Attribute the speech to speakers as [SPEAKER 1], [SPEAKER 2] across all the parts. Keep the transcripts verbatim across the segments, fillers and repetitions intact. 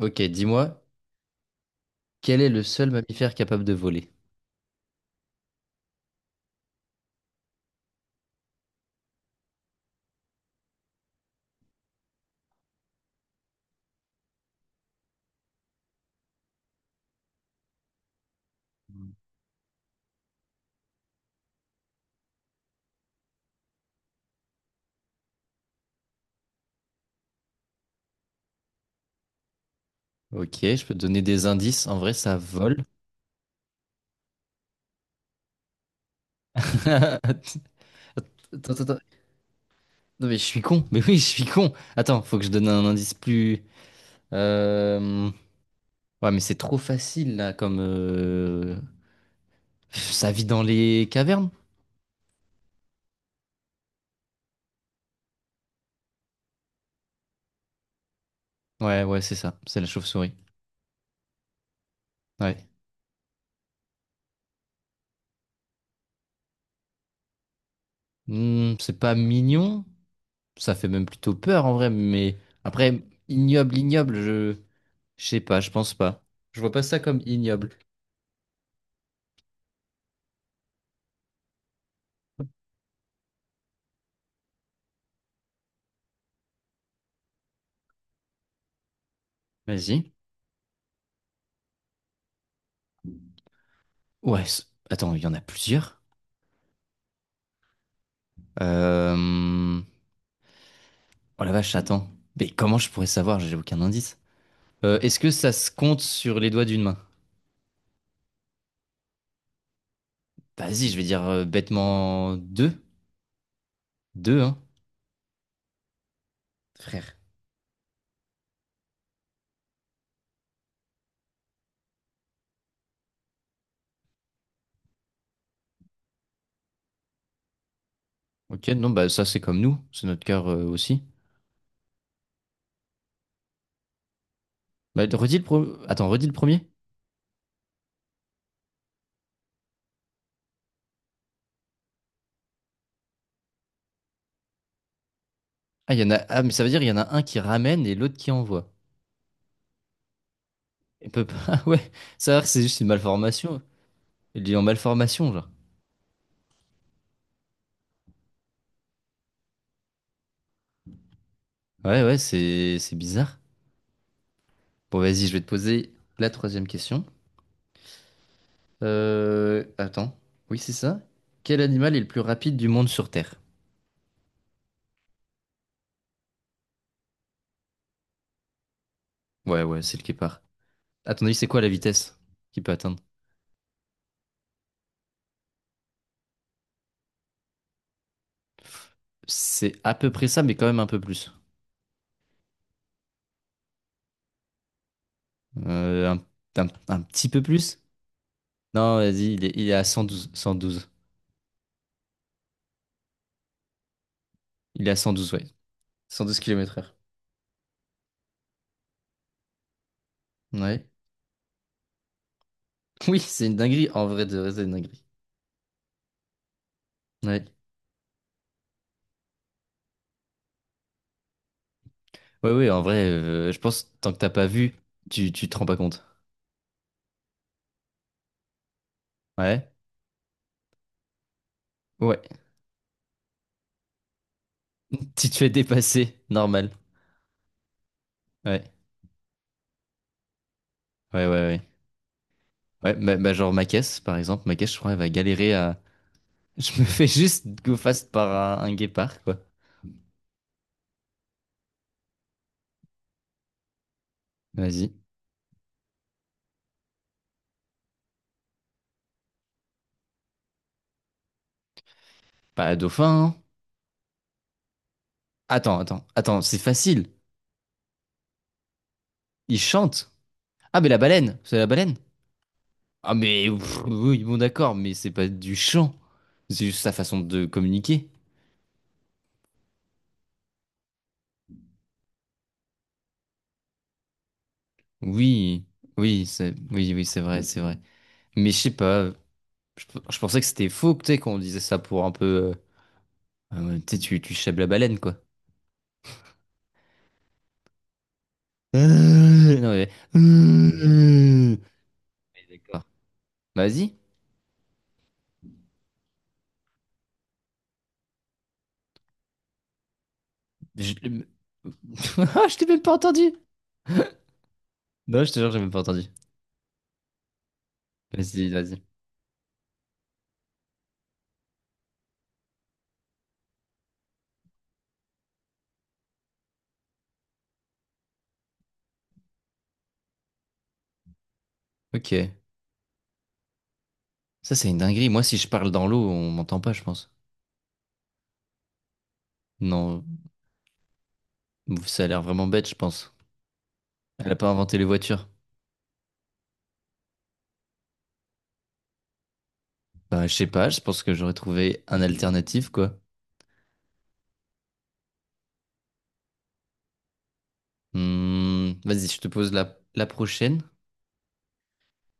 [SPEAKER 1] Ok, dis-moi, quel est le seul mammifère capable de voler? Ok, je peux te donner des indices. En vrai, ça vole. Attends, attends, attends. Non, mais je suis con. Mais oui, je suis con. Attends, faut que je donne un indice plus. euh, Ouais, mais c'est trop facile là, comme. euh, Ça vit dans les cavernes? Ouais, ouais, c'est ça. C'est la chauve-souris. Ouais. Hmm, c'est pas mignon. Ça fait même plutôt peur en vrai, mais après, ignoble, ignoble, je. Je sais pas, je pense pas. Je vois pas ça comme ignoble. Vas-y. Ouais, c- attends, il y en a plusieurs. Euh... Oh la vache, attends. Mais comment je pourrais savoir? J'ai aucun indice. Euh, est-ce que ça se compte sur les doigts d'une main? Vas-y, je vais dire euh, bêtement deux. Deux, hein, frère. Ok, non, bah ça c'est comme nous, c'est notre cœur euh, aussi. Bah, redis le pro- Attends, redis le premier. Ah, il y en a. Ah, mais ça veut dire il y en a un qui ramène et l'autre qui envoie. Il peut pas. Ah ouais, ça a l'air que c'est juste une malformation. Il est en malformation, genre. Ouais, ouais, c'est c'est bizarre. Bon, vas-y, je vais te poser la troisième question. Euh, attends. Oui, c'est ça. Quel animal est le plus rapide du monde sur Terre? Ouais, ouais, c'est le guépard. Attendez, c'est quoi la vitesse qu'il peut atteindre? C'est à peu près ça, mais quand même un peu plus. Euh, un, un- un petit peu plus? Non, vas-y, il est, il est à cent douze, cent douze. Il est à cent douze, ouais. Cent douze kilomètres heure. Ouais. Oui, c'est une dinguerie. En vrai, de vrai, c'est une dinguerie. Ouais. Ouais, ouais, en vrai, euh, je pense, tant que t'as pas vu, tu, tu te rends pas compte. Ouais. Ouais. Tu te fais dépasser. Normal. Ouais. Ouais, ouais, ouais. Ouais, bah, bah, genre ma caisse, par exemple. Ma caisse, je crois, elle va galérer à. Je me fais juste go fast par un, un guépard, quoi. Vas-y. Pas un dauphin, hein. Attends, attends, attends, c'est facile. Il chante. Ah, mais la baleine, c'est la baleine. Ah, mais pff, oui, bon, d'accord, mais c'est pas du chant. C'est juste sa façon de communiquer. Oui, oui, c'est oui, oui, c'est vrai, c'est vrai. Mais je sais pas, je, je pensais que c'était faux, tu sais, quand on disait ça pour un peu. Euh, euh, tu sais, tu, tu chèbes la baleine, quoi. Non, mais- d'accord. Vas-y. Je... Ah, je t'ai même pas entendu. Non, je te jure, j'ai même pas entendu. Vas-y, vas-y. Ok. Ça, c'est une dinguerie. Moi, si je parle dans l'eau, on m'entend pas, je pense. Non, ça a l'air vraiment bête, je pense. Elle a pas inventé les voitures. Bah, je sais pas, je pense que j'aurais trouvé un alternatif, quoi. Hmm, vas-y, je te pose la, la prochaine.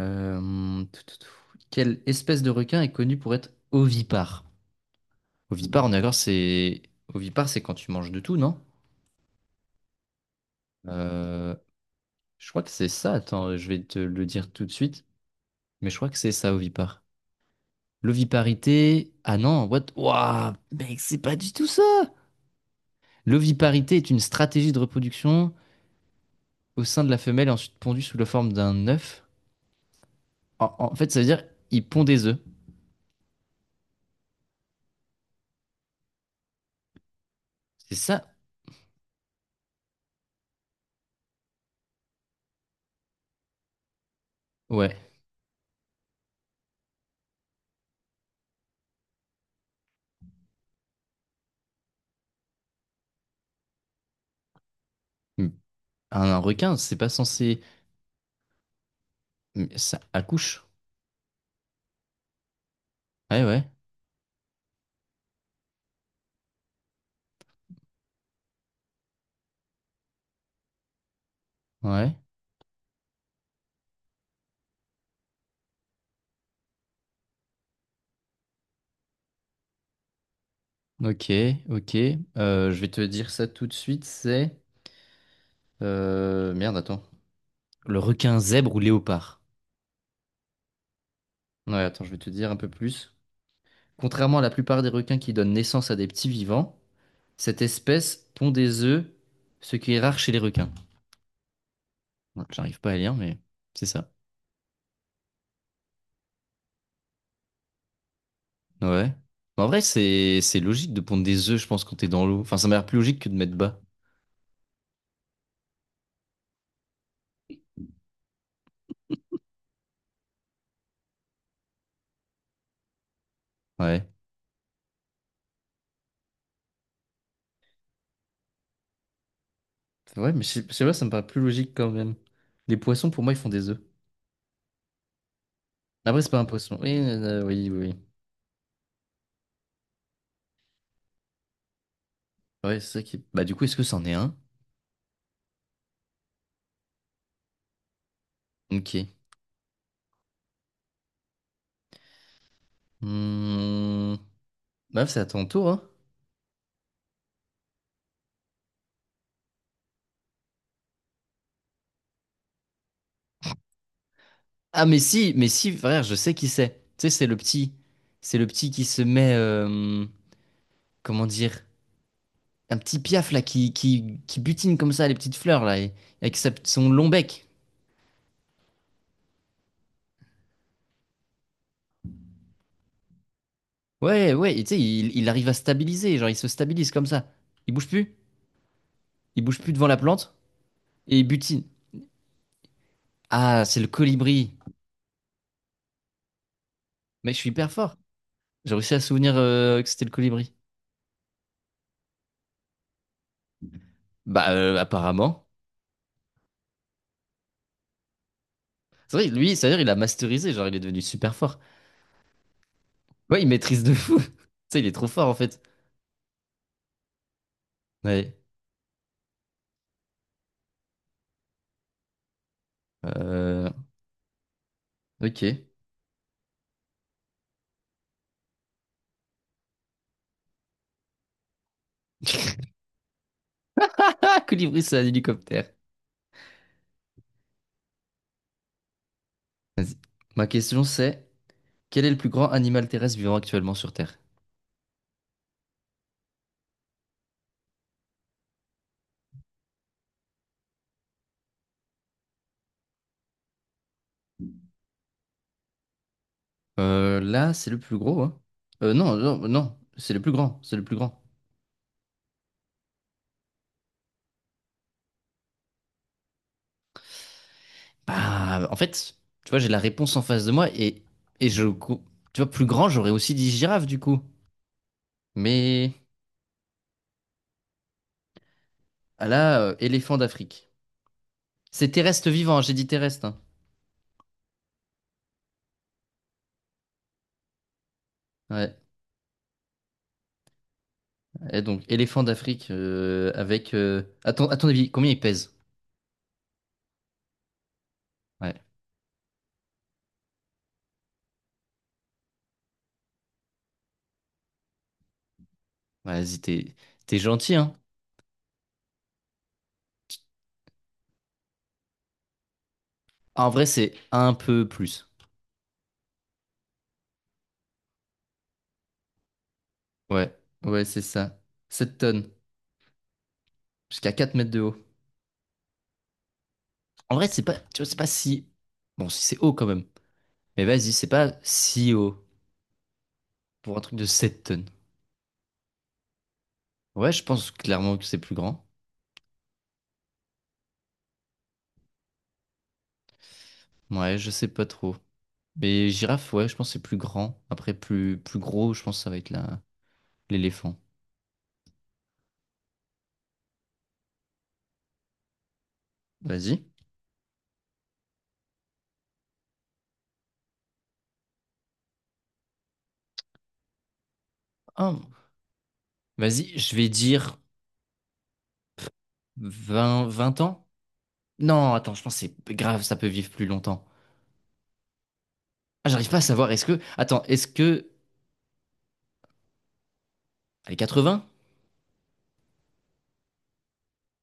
[SPEAKER 1] Euh, tout, tout, tout. Quelle espèce de requin est connue pour être ovipare? Ovipare, on est d'accord, c'est... Ovipare, c'est quand tu manges de tout, non? Euh, Je crois que c'est ça. Attends, je vais te le dire tout de suite. Mais je crois que c'est ça, ovipare. L'oviparité. Ah non, what? Waouh, mec, c'est pas du tout ça! L'oviparité est une stratégie de reproduction au sein de la femelle, et ensuite pondue sous la forme d'un œuf. En, en fait, ça veut dire il pond des œufs. C'est ça? Ouais. Hum. Un, un requin, c'est pas censé. Mais ça accouche. Ouais, ouais. Ouais. Ok, ok. Euh, je vais te dire ça tout de suite. C'est. Euh, Merde, attends. Le requin zèbre ou léopard? Ouais, attends, je vais te dire un peu plus. Contrairement à la plupart des requins qui donnent naissance à des petits vivants, cette espèce pond des œufs, ce qui est rare chez les requins. Ouais, j'arrive pas à lire, mais c'est ça. Ouais. Mais en vrai, c'est c'est logique de pondre des œufs, je pense, quand t'es dans l'eau. Enfin, ça m'a l'air plus logique que de mettre bas. Ouais. Ouais mais je sais je sais pas, ça me paraît plus logique quand même. Les poissons, pour moi, ils font des œufs. Après, c'est pas un poisson. Oui, euh, euh, oui, oui. Oui. Ouais, c'est ça qui... est- Bah, du coup, est-ce que c'en est un? Ok. Hmm. Bah, c'est à ton tour, hein. Ah mais si, mais si, frère, je sais qui c'est. Tu sais, c'est le petit, c'est le petit qui se met, euh, comment dire, un petit piaf là, qui, qui, qui butine comme ça les petites fleurs là, et- avec sa- son long bec. Ouais, ouais, et tu sais, il, il arrive à stabiliser, genre il se stabilise comme ça. Il bouge plus, il bouge plus devant la plante et il butine. Ah, c'est le colibri. Mais je suis hyper fort. J'ai réussi à souvenir euh, que c'était le colibri. Bah euh, apparemment. C'est vrai, lui, c'est-à-dire il a masterisé, genre il est devenu super fort. Ouais, il maîtrise de fou. Tu sais, il est trop fort en fait. Ouais. Euh, ok. Ah, colibri, c'est un hélicoptère. Vas-y. Ma question c'est, quel est le plus grand animal terrestre vivant actuellement sur Terre? Euh, là, c'est le plus gros, hein. Euh, non, non, non, c'est le plus grand, c'est le plus grand. Bah, en fait, tu vois, j'ai la réponse en face de moi et, et je... cou- tu vois, plus grand, j'aurais aussi dit girafe, du coup. Mais ah là, euh, éléphant d'Afrique. C'est terrestre vivant, hein, j'ai dit terrestre, hein. Ouais. Et donc, éléphant d'Afrique euh, avec... euh, à ton, à ton avis, combien il pèse? Ouais. Ouais, vas-y, t'es t'es gentil, hein? Ah, en vrai, c'est un peu plus. Ouais, ouais, c'est ça. Sept tonnes, jusqu'à quatre mètres de haut. En vrai, c'est pas, tu vois, c'est pas si... Bon, si c'est haut quand même. Mais vas-y, c'est pas si haut pour un truc de sept tonnes. Ouais, je pense clairement que c'est plus grand. Ouais, je sais pas trop. Mais girafe, ouais, je pense que c'est plus grand. Après, plus, plus gros, je pense que ça va être la... l'éléphant. Vas-y. Oh, vas-y, je vais dire vingt vingt ans? Non, attends, je pense que c'est grave, ça peut vivre plus longtemps. Ah, j'arrive pas à savoir. Est-ce que. Attends, est-ce que. Allez, quatre-vingts?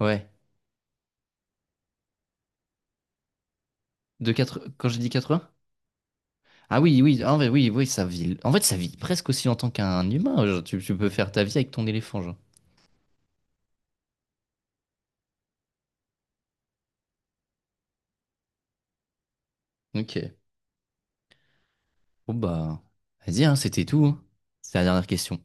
[SPEAKER 1] Ouais. De quatre... Quand j'ai dit quatre-vingts? Ah oui, oui, en vrai, oui, oui, ça vit. En fait, ça vit presque aussi longtemps qu'un humain. Genre, tu, tu peux faire ta vie avec ton éléphant, genre. Ok. Bon, bah. Vas-y, hein, c'était tout, hein. C'est la dernière question.